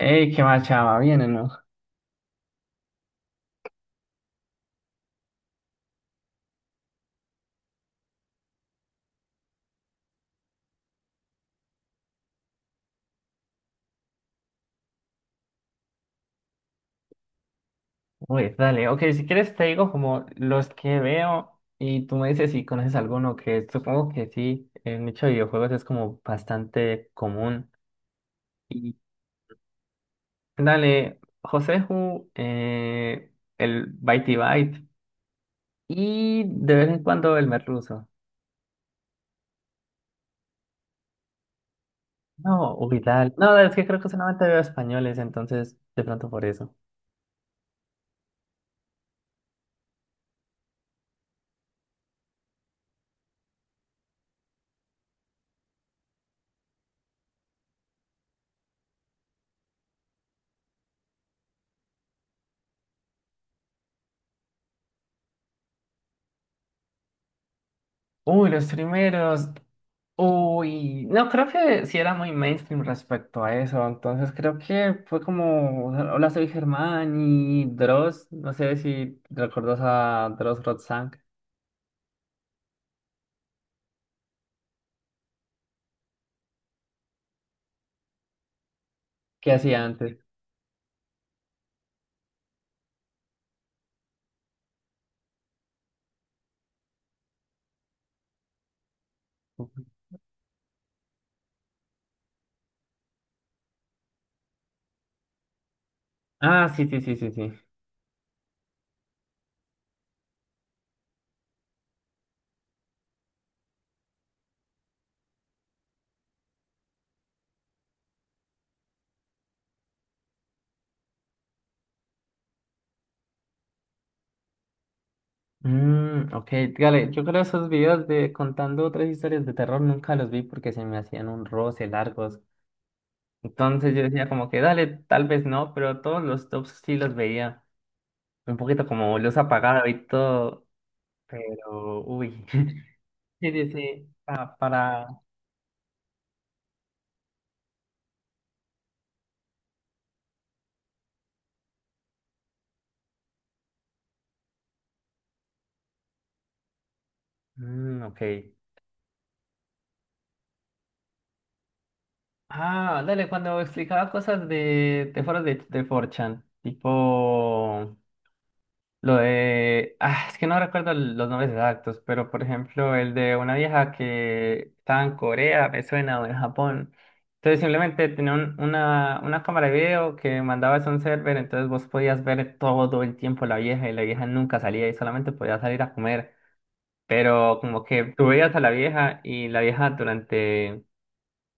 Ey, qué más, chava, ¿viene, no? Uy, dale, ok, si quieres te digo como los que veo y tú me dices si conoces alguno. Que supongo que sí, el nicho de videojuegos es como bastante común. Y dale, Joseju, el Bitey Byte y de vez en cuando el Merluzo. No, uy, dale. No, es que creo que solamente veo españoles, entonces de pronto por eso. Uy, los primeros. Uy, no, creo que sí era muy mainstream respecto a eso, entonces creo que fue como, hola soy Germán y Dross, no sé si recuerdas a Dross Rotzank. ¿Qué hacía antes? Ah, sí, sí, sí, sí, sí. Mm, ok, dale, yo creo esos videos de contando otras historias de terror nunca los vi porque se me hacían un roce largos, entonces yo decía como que dale, tal vez no, pero todos los tops sí los veía, un poquito como luz apagada y todo, pero uy. Sí, sí, sí, para... Mm, ok. Ah, dale, cuando explicaba cosas de foros de 4chan, tipo lo de... Ah, es que no recuerdo los nombres exactos, pero por ejemplo el de una vieja que estaba en Corea, me suena, o en Japón. Entonces simplemente tenía una cámara de video que mandabas a un server, entonces vos podías ver todo el tiempo la vieja, y la vieja nunca salía y solamente podía salir a comer. Pero como que tú veías a la vieja y la vieja durante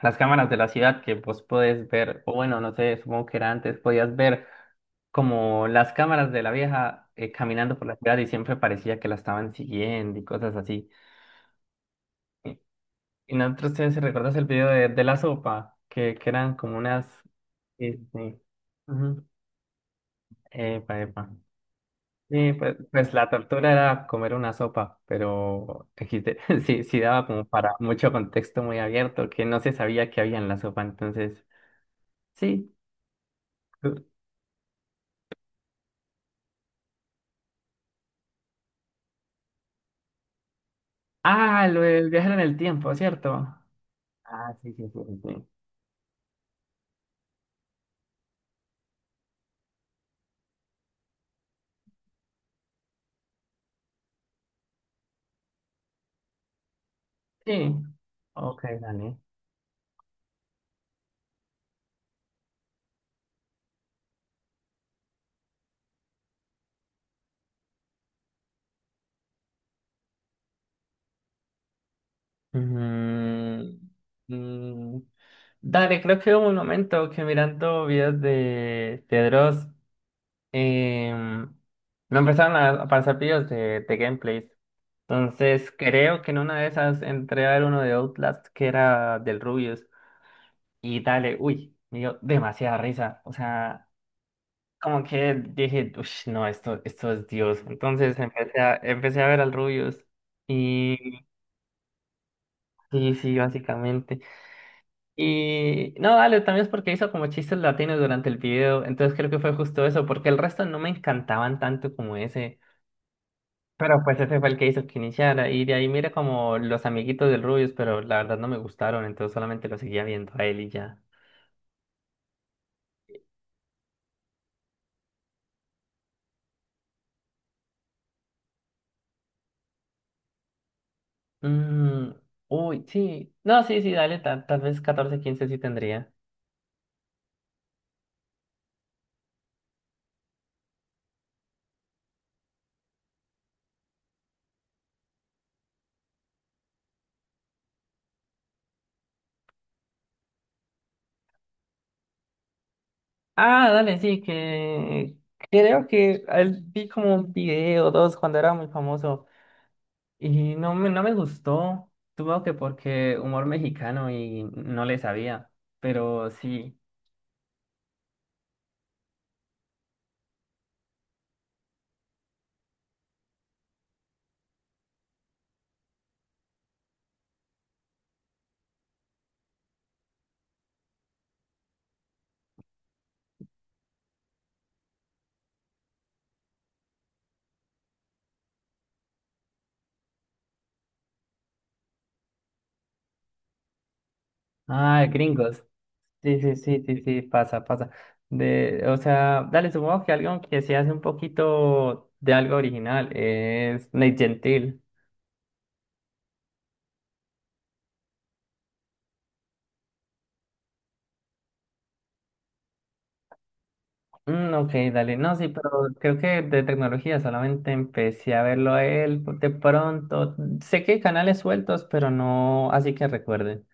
las cámaras de la ciudad que vos podés ver, o bueno, no sé, supongo que era antes, podías ver como las cámaras de la vieja caminando por la ciudad, y siempre parecía que la estaban siguiendo y cosas así. Y, y nosotros, si recuerdas el video de la sopa, que eran como unas... Sí, sí. Ujú. Epa, epa. Sí, pues, pues la tortura era comer una sopa, pero XD, sí, sí daba como para mucho contexto muy abierto, que no se sabía qué había en la sopa, entonces, sí. Ah, lo del viajar en el tiempo, ¿cierto? Ah, sí, sí, sí, sí. Sí, sí. Ok, dale. Mm, mm, dale, creo que hubo un momento que mirando videos de Dross em, me empezaron a aparecer videos de gameplays. Entonces creo que en una de esas entré a ver uno de Outlast que era del Rubius. Y dale, uy, me dio demasiada risa. O sea, como que dije, uff, no, esto es Dios. Entonces empecé a ver al Rubius. Y sí, sí, básicamente. Y no, dale, también es porque hizo como chistes latinos durante el video. Entonces creo que fue justo eso, porque el resto no me encantaban tanto como ese. Pero pues ese fue el que hizo que iniciara. Y de ahí mira como los amiguitos del Rubius, pero la verdad no me gustaron, entonces solamente lo seguía viendo a él y ya. Mm, uy, sí. No, sí, sí, dale, tal vez catorce quince sí tendría. Ah, dale, sí, que creo que él vi como un video o dos cuando era muy famoso y no me gustó. Tuvo que porque humor mexicano y no le sabía, pero sí. Ah, gringos. Sí, sí, sí, sí, sí, pasa, pasa. De, o sea, dale, supongo que alguien que se hace un poquito de algo original es Nate Gentil. Mm, ok, dale. No, sí, pero creo que de tecnología solamente empecé a verlo a él de pronto. Sé que hay canales sueltos, pero no así que recuerden.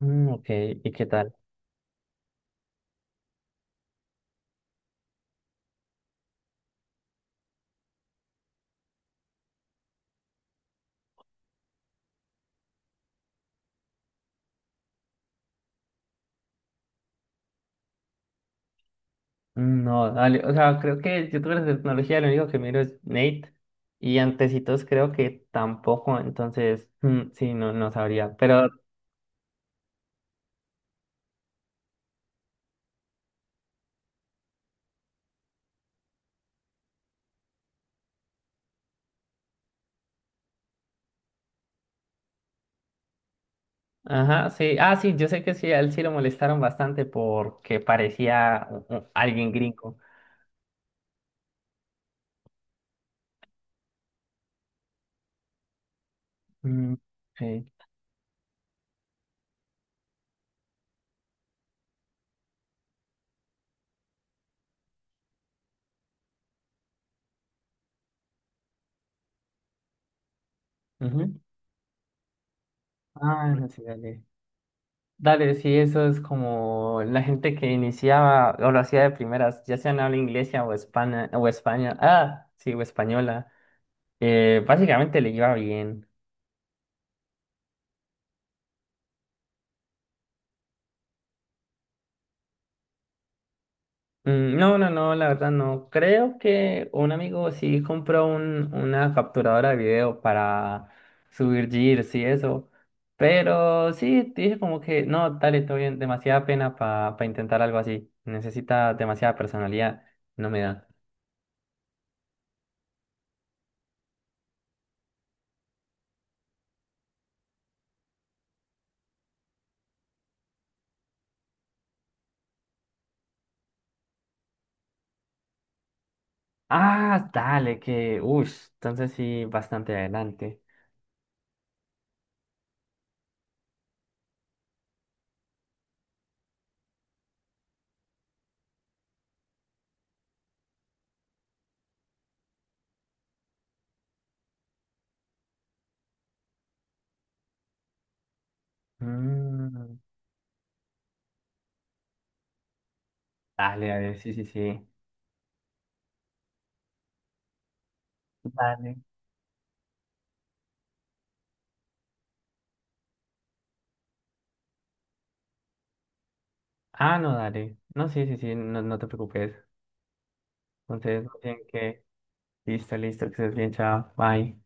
Mm, ok, ¿y qué tal? Mm, no, dale. O sea, creo que youtubers de tecnología lo único que miro es Nate. Y antecitos creo que tampoco, entonces, mm, sí, no, no sabría. Pero ajá, sí. Ah, sí, yo sé que sí, a él sí lo molestaron bastante porque parecía alguien gringo. Mm, sí. Ujú. Ah, no, sí, dale. Dale, sí, eso es como la gente que iniciaba o lo hacía de primeras, ya sea en habla inglesa o España, o España. Ah, sí, o española. Básicamente le iba bien. Mm, no, no, no, la verdad no. Creo que un amigo sí compró una capturadora de video para subir GIFs y eso. Pero sí, dije como que no, dale, todo bien, demasiada pena para intentar algo así. Necesita demasiada personalidad, no me da. Ah, dale, que, uff, entonces sí, bastante adelante. Mm, dale, dale, sí, sí, sí. Dale. Ah, no, dale. No, sí, sí, sí, no, no te preocupes. Entonces, no tienen que. Listo, listo, que estés bien, chao, bye.